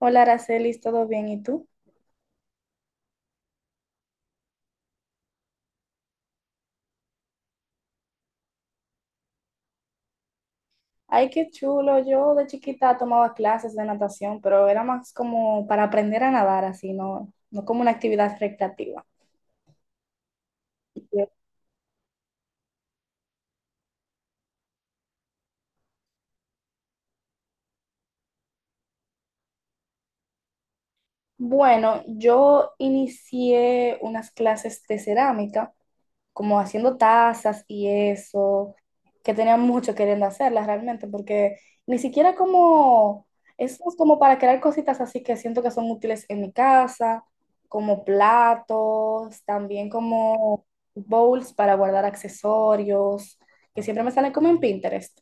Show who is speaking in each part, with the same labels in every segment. Speaker 1: Hola, Aracelis, ¿todo bien? ¿Y tú? Ay, qué chulo. Yo de chiquita tomaba clases de natación, pero era más como para aprender a nadar, así, no, no como una actividad recreativa. Bueno, yo inicié unas clases de cerámica como haciendo tazas y eso, que tenía mucho queriendo hacerlas realmente, porque ni siquiera como, eso es como para crear cositas así que siento que son útiles en mi casa, como platos, también como bowls para guardar accesorios, que siempre me salen como en Pinterest.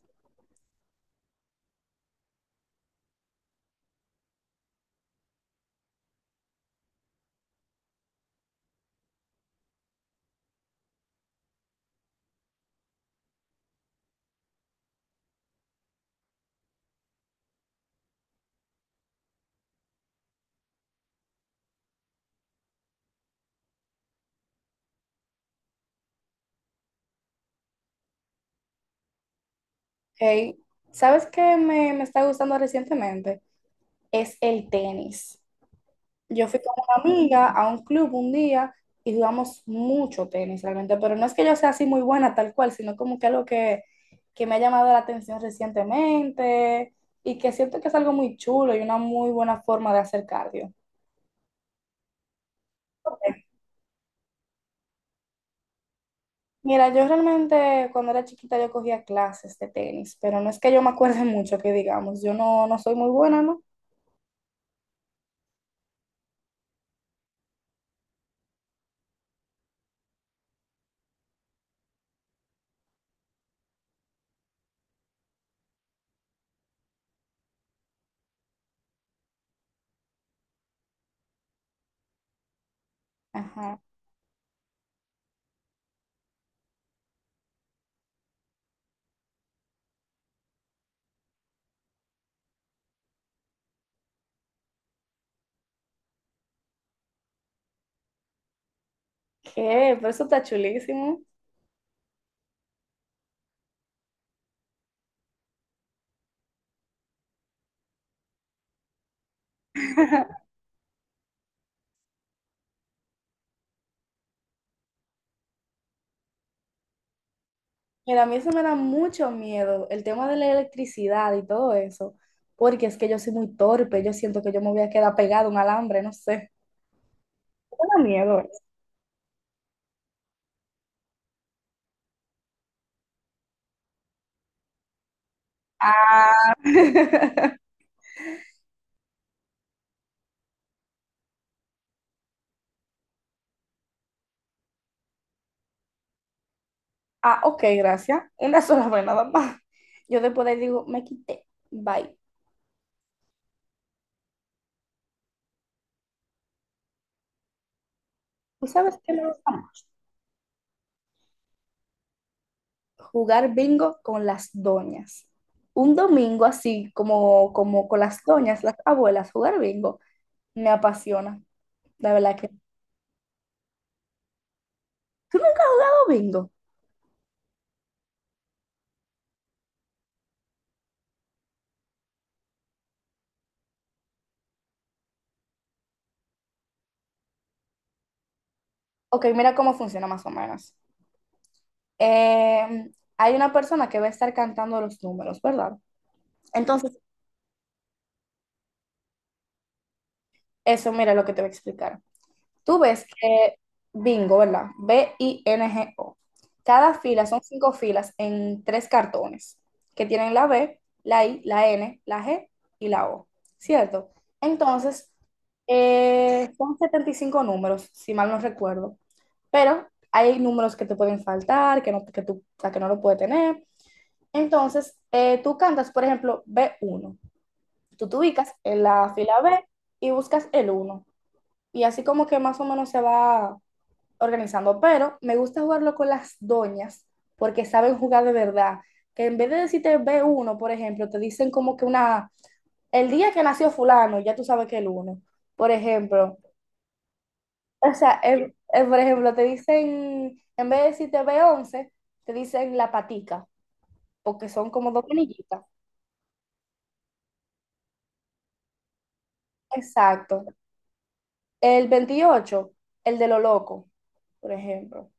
Speaker 1: Hey, ¿sabes qué me está gustando recientemente? Es el tenis. Yo fui con una amiga a un club un día y jugamos mucho tenis realmente, pero no es que yo sea así muy buena tal cual, sino como que algo que me ha llamado la atención recientemente y que siento que es algo muy chulo y una muy buena forma de hacer cardio. Ok. Mira, yo realmente cuando era chiquita yo cogía clases de tenis, pero no es que yo me acuerde mucho que digamos, yo no, no soy muy buena, ¿no? Ajá. ¿Qué? Pero eso está chulísimo. Mira, a mí eso me da mucho miedo, el tema de la electricidad y todo eso, porque es que yo soy muy torpe, yo siento que yo me voy a quedar pegado a un alambre, no sé. Me da miedo eso. Ah, ah, ok, gracias. Una sola vez nada más. Yo después le digo, me quité, bye. ¿Tú sabes qué me gusta más? Jugar bingo con las doñas. Un domingo así, como, como con las doñas, las abuelas, jugar bingo, me apasiona, la verdad que... ¿Tú nunca has jugado bingo? Ok, mira cómo funciona más o menos. Eh, Hay una persona que va a estar cantando los números, ¿verdad? Entonces, eso, mira lo que te voy a explicar. Tú ves que bingo, ¿verdad? BINGO. Cada fila son cinco filas en tres cartones que tienen la B, la I, la N, la G y la O, ¿cierto? Entonces, son 75 números, si mal no recuerdo, pero hay números que te pueden faltar, que no, que tú, o sea, que no lo puedes tener. Entonces, tú cantas, por ejemplo, b uno. Tú te ubicas en la fila B y buscas el uno. Y así como que más o menos se va organizando, pero me gusta jugarlo con las doñas porque saben jugar de verdad. Que en vez de decirte b uno, por ejemplo, te dicen como que una, el día que nació fulano, ya tú sabes que el 1, por ejemplo. O sea, por ejemplo, te dicen, en vez de decirte b 11, te dicen la patica, porque son como dos canillitas. Exacto. El 28, el de lo loco, por ejemplo.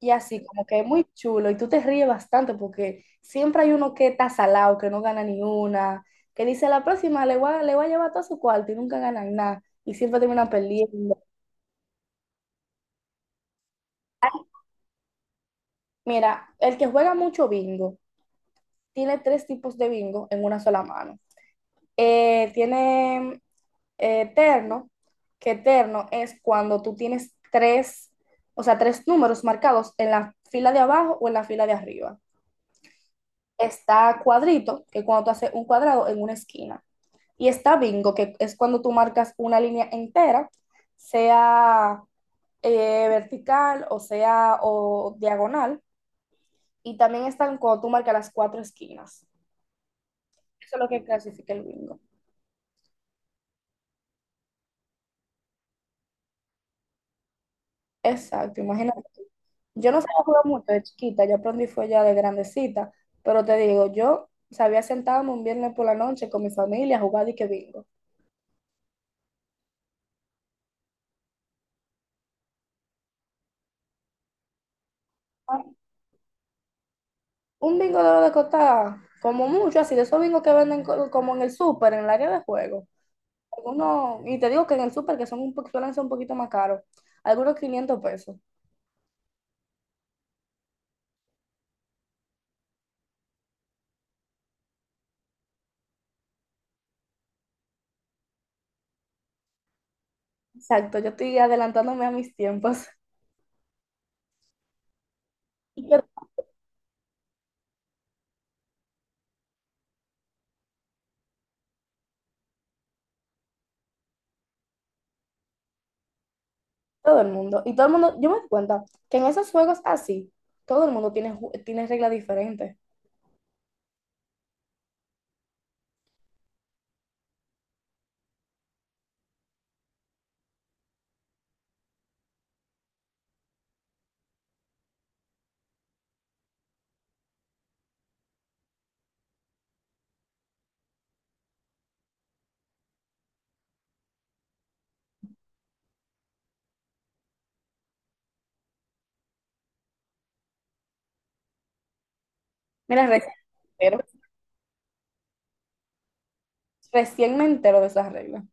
Speaker 1: Y así, como que es muy chulo y tú te ríes bastante porque siempre hay uno que está salado, que no gana ni una, que dice la próxima le voy a llevar todo su cuarto y nunca ganan nada y siempre terminan perdiendo. Mira, el que juega mucho bingo tiene tres tipos de bingo en una sola mano. Tiene terno, que terno es cuando tú tienes tres, o sea, tres números marcados en la fila de abajo o en la fila de arriba. Está cuadrito, que cuando tú haces un cuadrado en una esquina. Y está bingo, que es cuando tú marcas una línea entera, sea vertical o sea o diagonal. Y también están cuando tú marcas las cuatro esquinas. Eso es lo que clasifica el bingo. Exacto, imagínate. Yo no sabía jugar mucho de chiquita, yo aprendí fue ya de grandecita, pero te digo, yo sabía sentarme un viernes por la noche con mi familia a jugar y que bingo. Un bingo de lo de costar como mucho, así de esos bingos que venden como en el súper, en el área de juego. Algunos, y te digo que en el súper, que son un, suelen ser un poquito más caros, algunos 500 pesos. Exacto, yo estoy adelantándome a mis tiempos. Y que todo el mundo, yo me doy cuenta que en esos juegos así, todo el mundo tiene, tiene reglas diferentes. Mira, me entero, recién me entero de esas reglas.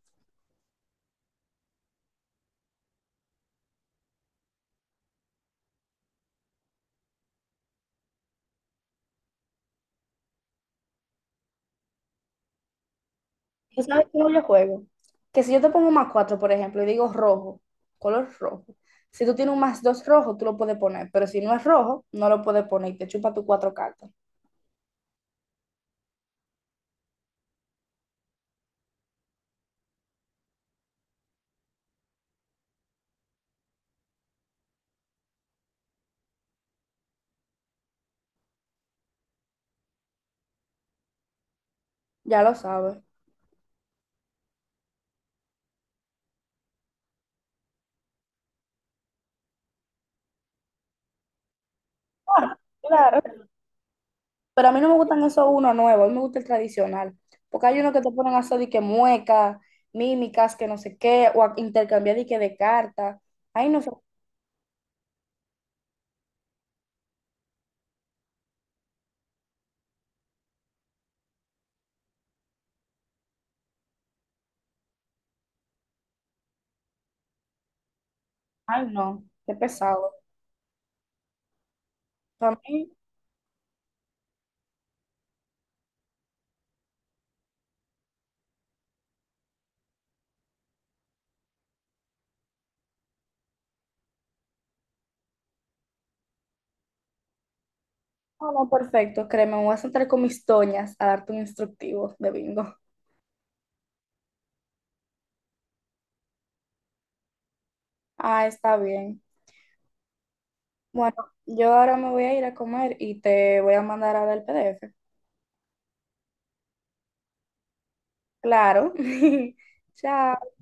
Speaker 1: ¿Tú sabes cómo yo juego? Que si yo te pongo un más 4, por ejemplo, y digo rojo, color rojo, si tú tienes un más 2 rojo, tú lo puedes poner, pero si no es rojo, no lo puedes poner y te chupa tus cuatro cartas. Ya lo sabes. Ah, claro. Pero a mí no me gustan esos uno nuevos, a mí me gusta el tradicional. Porque hay uno que te ponen a hacer de que mueca, mímicas, que no sé qué, o a intercambiar de que de cartas. Ay, no sé, ay, no, qué pesado. Para mí, no, no, perfecto, créeme, me voy a sentar con mis toñas a darte un instructivo de bingo. Ah, está bien. Bueno, yo ahora me voy a ir a comer y te voy a mandar ahora el PDF. Claro. Chao.